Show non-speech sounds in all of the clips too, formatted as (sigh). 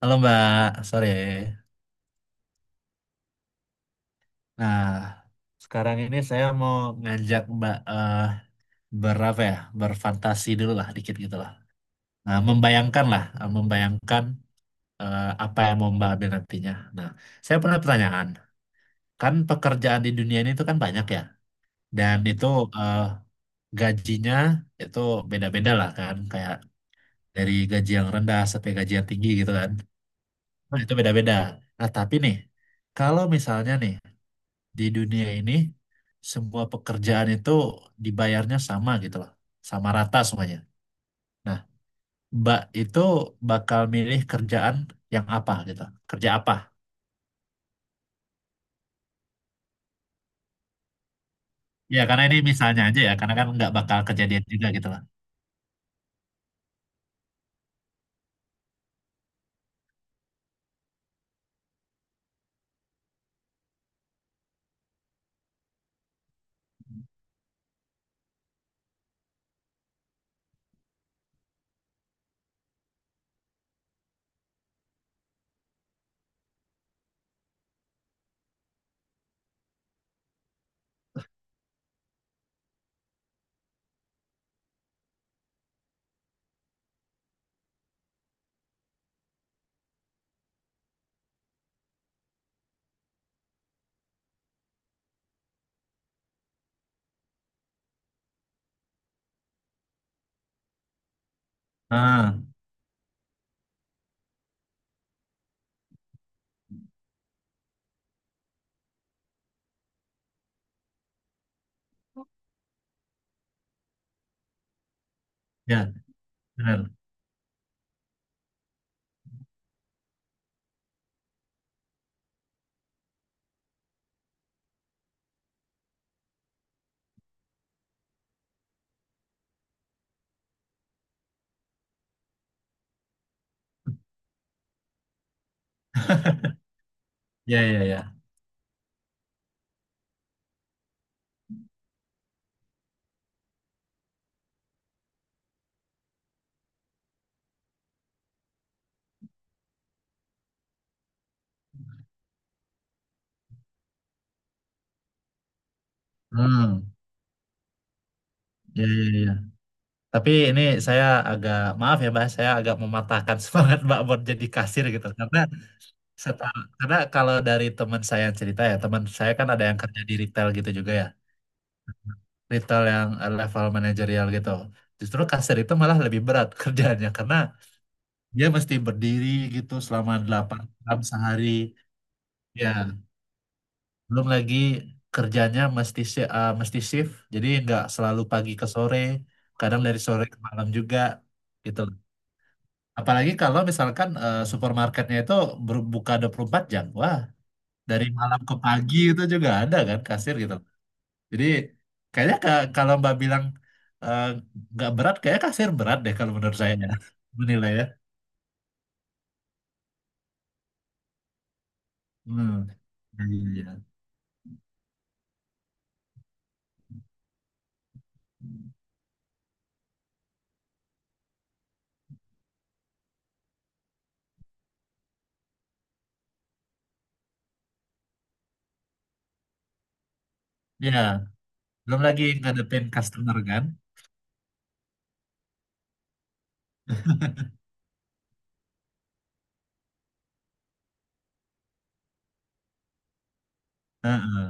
Halo Mbak, sore. Nah, sekarang ini saya mau ngajak Mbak berapa ya, berfantasi dulu lah, dikit gitu lah. Nah, membayangkan lah, apa yang mau Mbak ambil nantinya. Nah, saya punya pertanyaan. Kan pekerjaan di dunia ini itu kan banyak ya, dan eh, gajinya itu beda-beda lah kan, kayak dari gaji yang rendah sampai gaji yang tinggi gitu kan. Nah, itu beda-beda. Nah, tapi nih, kalau misalnya nih di dunia ini semua pekerjaan itu dibayarnya sama gitu loh, sama rata semuanya. Nah, Mbak itu bakal milih kerjaan yang apa gitu, kerja apa? Ya karena ini misalnya aja ya, karena kan nggak bakal kejadian juga gitu loh. Ah, ya benar, ya ya ya. Hmm, ya ya ya. Ya. Tapi ini saya agak maaf ya Mbak, saya agak mematahkan (laughs) semangat Mbak buat jadi kasir gitu. Karena seta- karena kalau dari teman saya yang cerita ya, teman saya kan ada yang kerja di retail gitu juga ya. Retail yang level manajerial gitu. Justru kasir itu malah lebih berat (laughs) kerjaannya karena dia mesti berdiri gitu selama 8 jam sehari. Ya, belum lagi kerjanya mesti shift, jadi nggak selalu pagi ke sore, kadang dari sore ke malam juga gitu. Apalagi kalau misalkan supermarketnya itu berbuka 24 jam. Wah, dari malam ke pagi itu juga ada kan kasir gitu. Jadi kayaknya kalau Mbak bilang eh, nggak berat, kayaknya kasir berat deh kalau menurut saya ya. (laughs) Menilai ya. Hmm. Iya. Ya, belum lagi ngadepin customer kan. Heeh.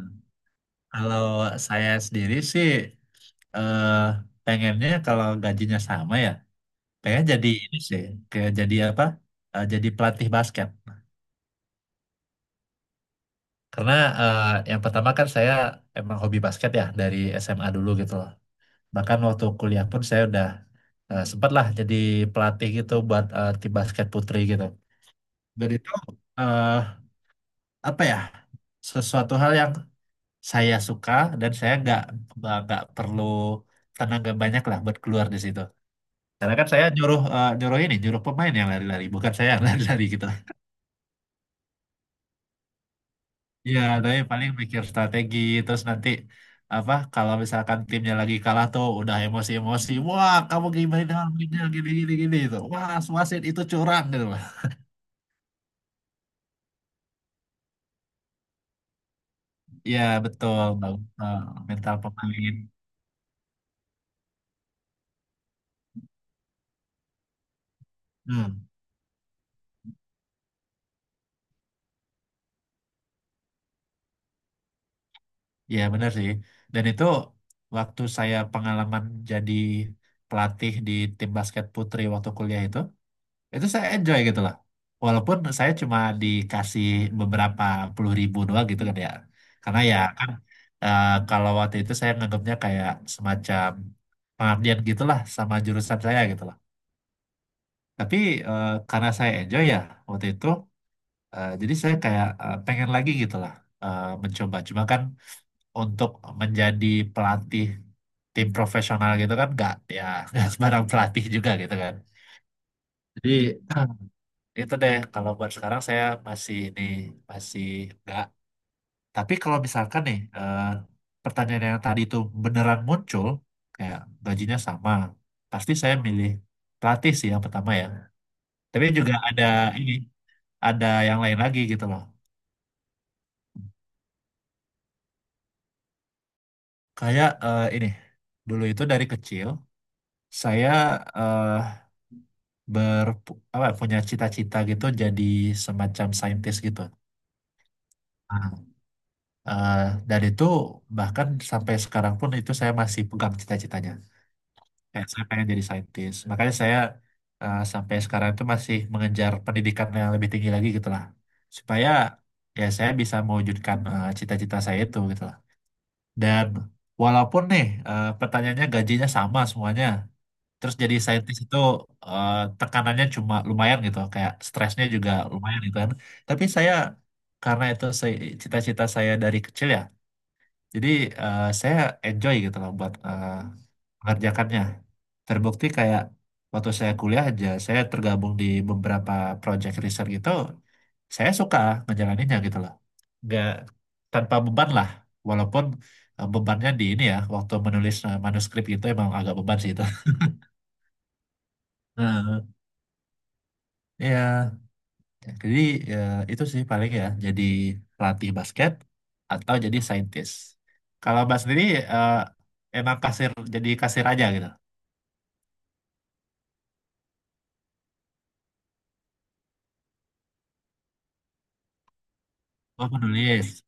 Kalau saya sendiri sih, eh, pengennya kalau gajinya sama ya, pengen jadi ini sih, kayak jadi apa? Eh, jadi pelatih basket. Karena eh, yang pertama kan saya emang hobi basket ya dari SMA dulu gitu loh. Bahkan waktu kuliah pun saya udah sempat lah jadi pelatih gitu buat tim basket putri gitu. Dan itu eh, apa ya sesuatu hal yang saya suka dan saya nggak perlu tenaga banyak lah buat keluar di situ. Karena kan saya nyuruh eh, nyuruh ini nyuruh pemain yang lari-lari bukan saya yang (laughs) lari-lari gitu. Iya, tapi paling mikir strategi terus nanti apa kalau misalkan timnya lagi kalah tuh udah emosi-emosi, wah kamu gimana dengan begini gini gini gini gitu. Wah, wasit itu curang gitu. Ya betul Bang. Eh, mental pemain. Hmm, ya benar sih. Dan itu waktu saya pengalaman jadi pelatih di tim basket putri waktu kuliah itu saya enjoy gitu lah. Walaupun saya cuma dikasih beberapa puluh ribu doang gitu kan ya. Karena ya kan, kalau waktu itu saya nganggapnya kayak semacam pengabdian gitulah sama jurusan saya gitu lah. Tapi karena saya enjoy ya waktu itu. Jadi saya kayak pengen lagi gitu lah mencoba. Cuma kan untuk menjadi pelatih tim profesional gitu kan nggak, ya (laughs) nggak sembarang pelatih juga gitu kan. Jadi (clears throat) itu deh kalau buat sekarang saya masih nggak. Tapi kalau misalkan nih, pertanyaan yang tadi itu beneran muncul kayak gajinya sama, pasti saya milih pelatih sih yang pertama ya. Tapi juga ada ini, ada yang lain lagi gitu loh. Kayak eh, ini dulu itu dari kecil saya eh, ber apa punya cita-cita gitu jadi semacam saintis gitu. Ah, Eh, dan itu bahkan sampai sekarang pun itu saya masih pegang cita-citanya. Kayak saya pengen jadi saintis. Makanya saya sampai sekarang itu masih mengejar pendidikan yang lebih tinggi lagi gitu lah. Supaya ya saya bisa mewujudkan cita-cita saya itu gitu lah. Dan walaupun nih, pertanyaannya gajinya sama semuanya. Terus jadi saintis itu eh, tekanannya cuma lumayan gitu, kayak stresnya juga lumayan gitu kan. Tapi saya, karena itu saya- cita-cita saya dari kecil ya, jadi saya enjoy gitu loh buat mengerjakannya. Terbukti kayak waktu saya kuliah aja, saya tergabung di beberapa project riset gitu, saya suka ngejalaninnya gitu loh. Nggak, tanpa beban lah, walaupun bebannya di ini ya, waktu menulis manuskrip itu emang agak beban sih itu. (laughs) Nah, iya. Jadi ya, itu sih paling ya jadi pelatih basket atau jadi saintis. Kalau Mbak sendiri eh, emang kasir jadi kasir aja gitu. Oh penulis.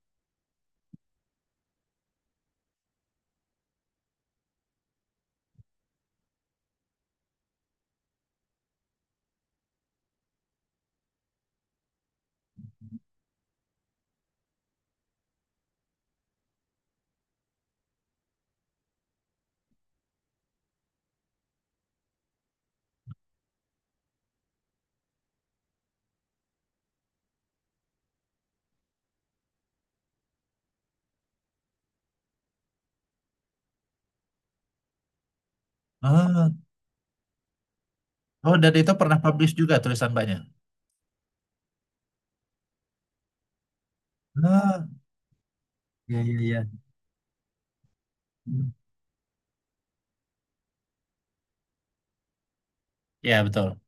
Oh, oh dan itu pernah publish juga tulisan Mbaknya. Ah, iya iya iya. Iya betul.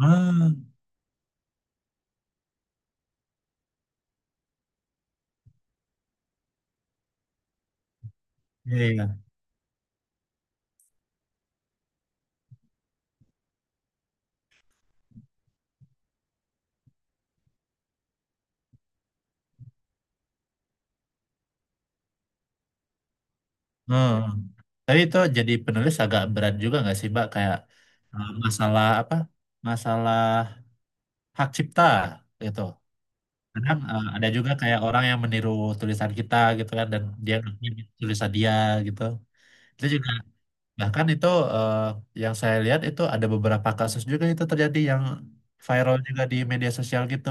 Ah, iya iya. Hmm. Tapi itu jadi penulis agak berat juga nggak sih Mbak, kayak masalah apa? Masalah hak cipta gitu. Kadang ada juga kayak orang yang meniru tulisan kita gitu kan dan dia ngakui tulisan dia gitu. Itu juga, bahkan itu eh, yang saya lihat itu ada beberapa kasus juga itu terjadi yang viral juga di media sosial gitu.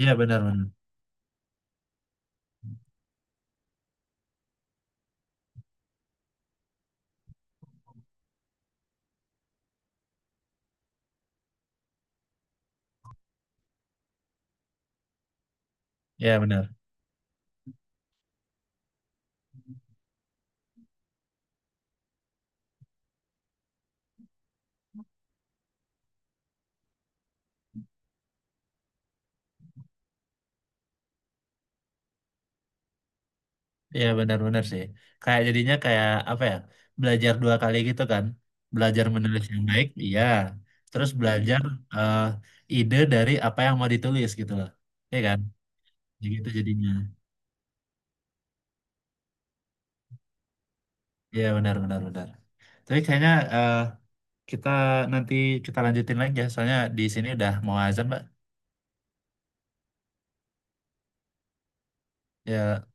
Iya benar benar. Iya benar. Iya benar benar sih, kayak jadinya kayak apa ya, belajar dua kali gitu kan, belajar menulis yang baik, iya, terus belajar eh, ide dari apa yang mau ditulis gitu loh, iya kan. Ya gitu jadinya. Iya benar benar benar. Tapi kayaknya kita nanti kita lanjutin lagi ya, soalnya di sini udah mau azan, Mbak. Ya,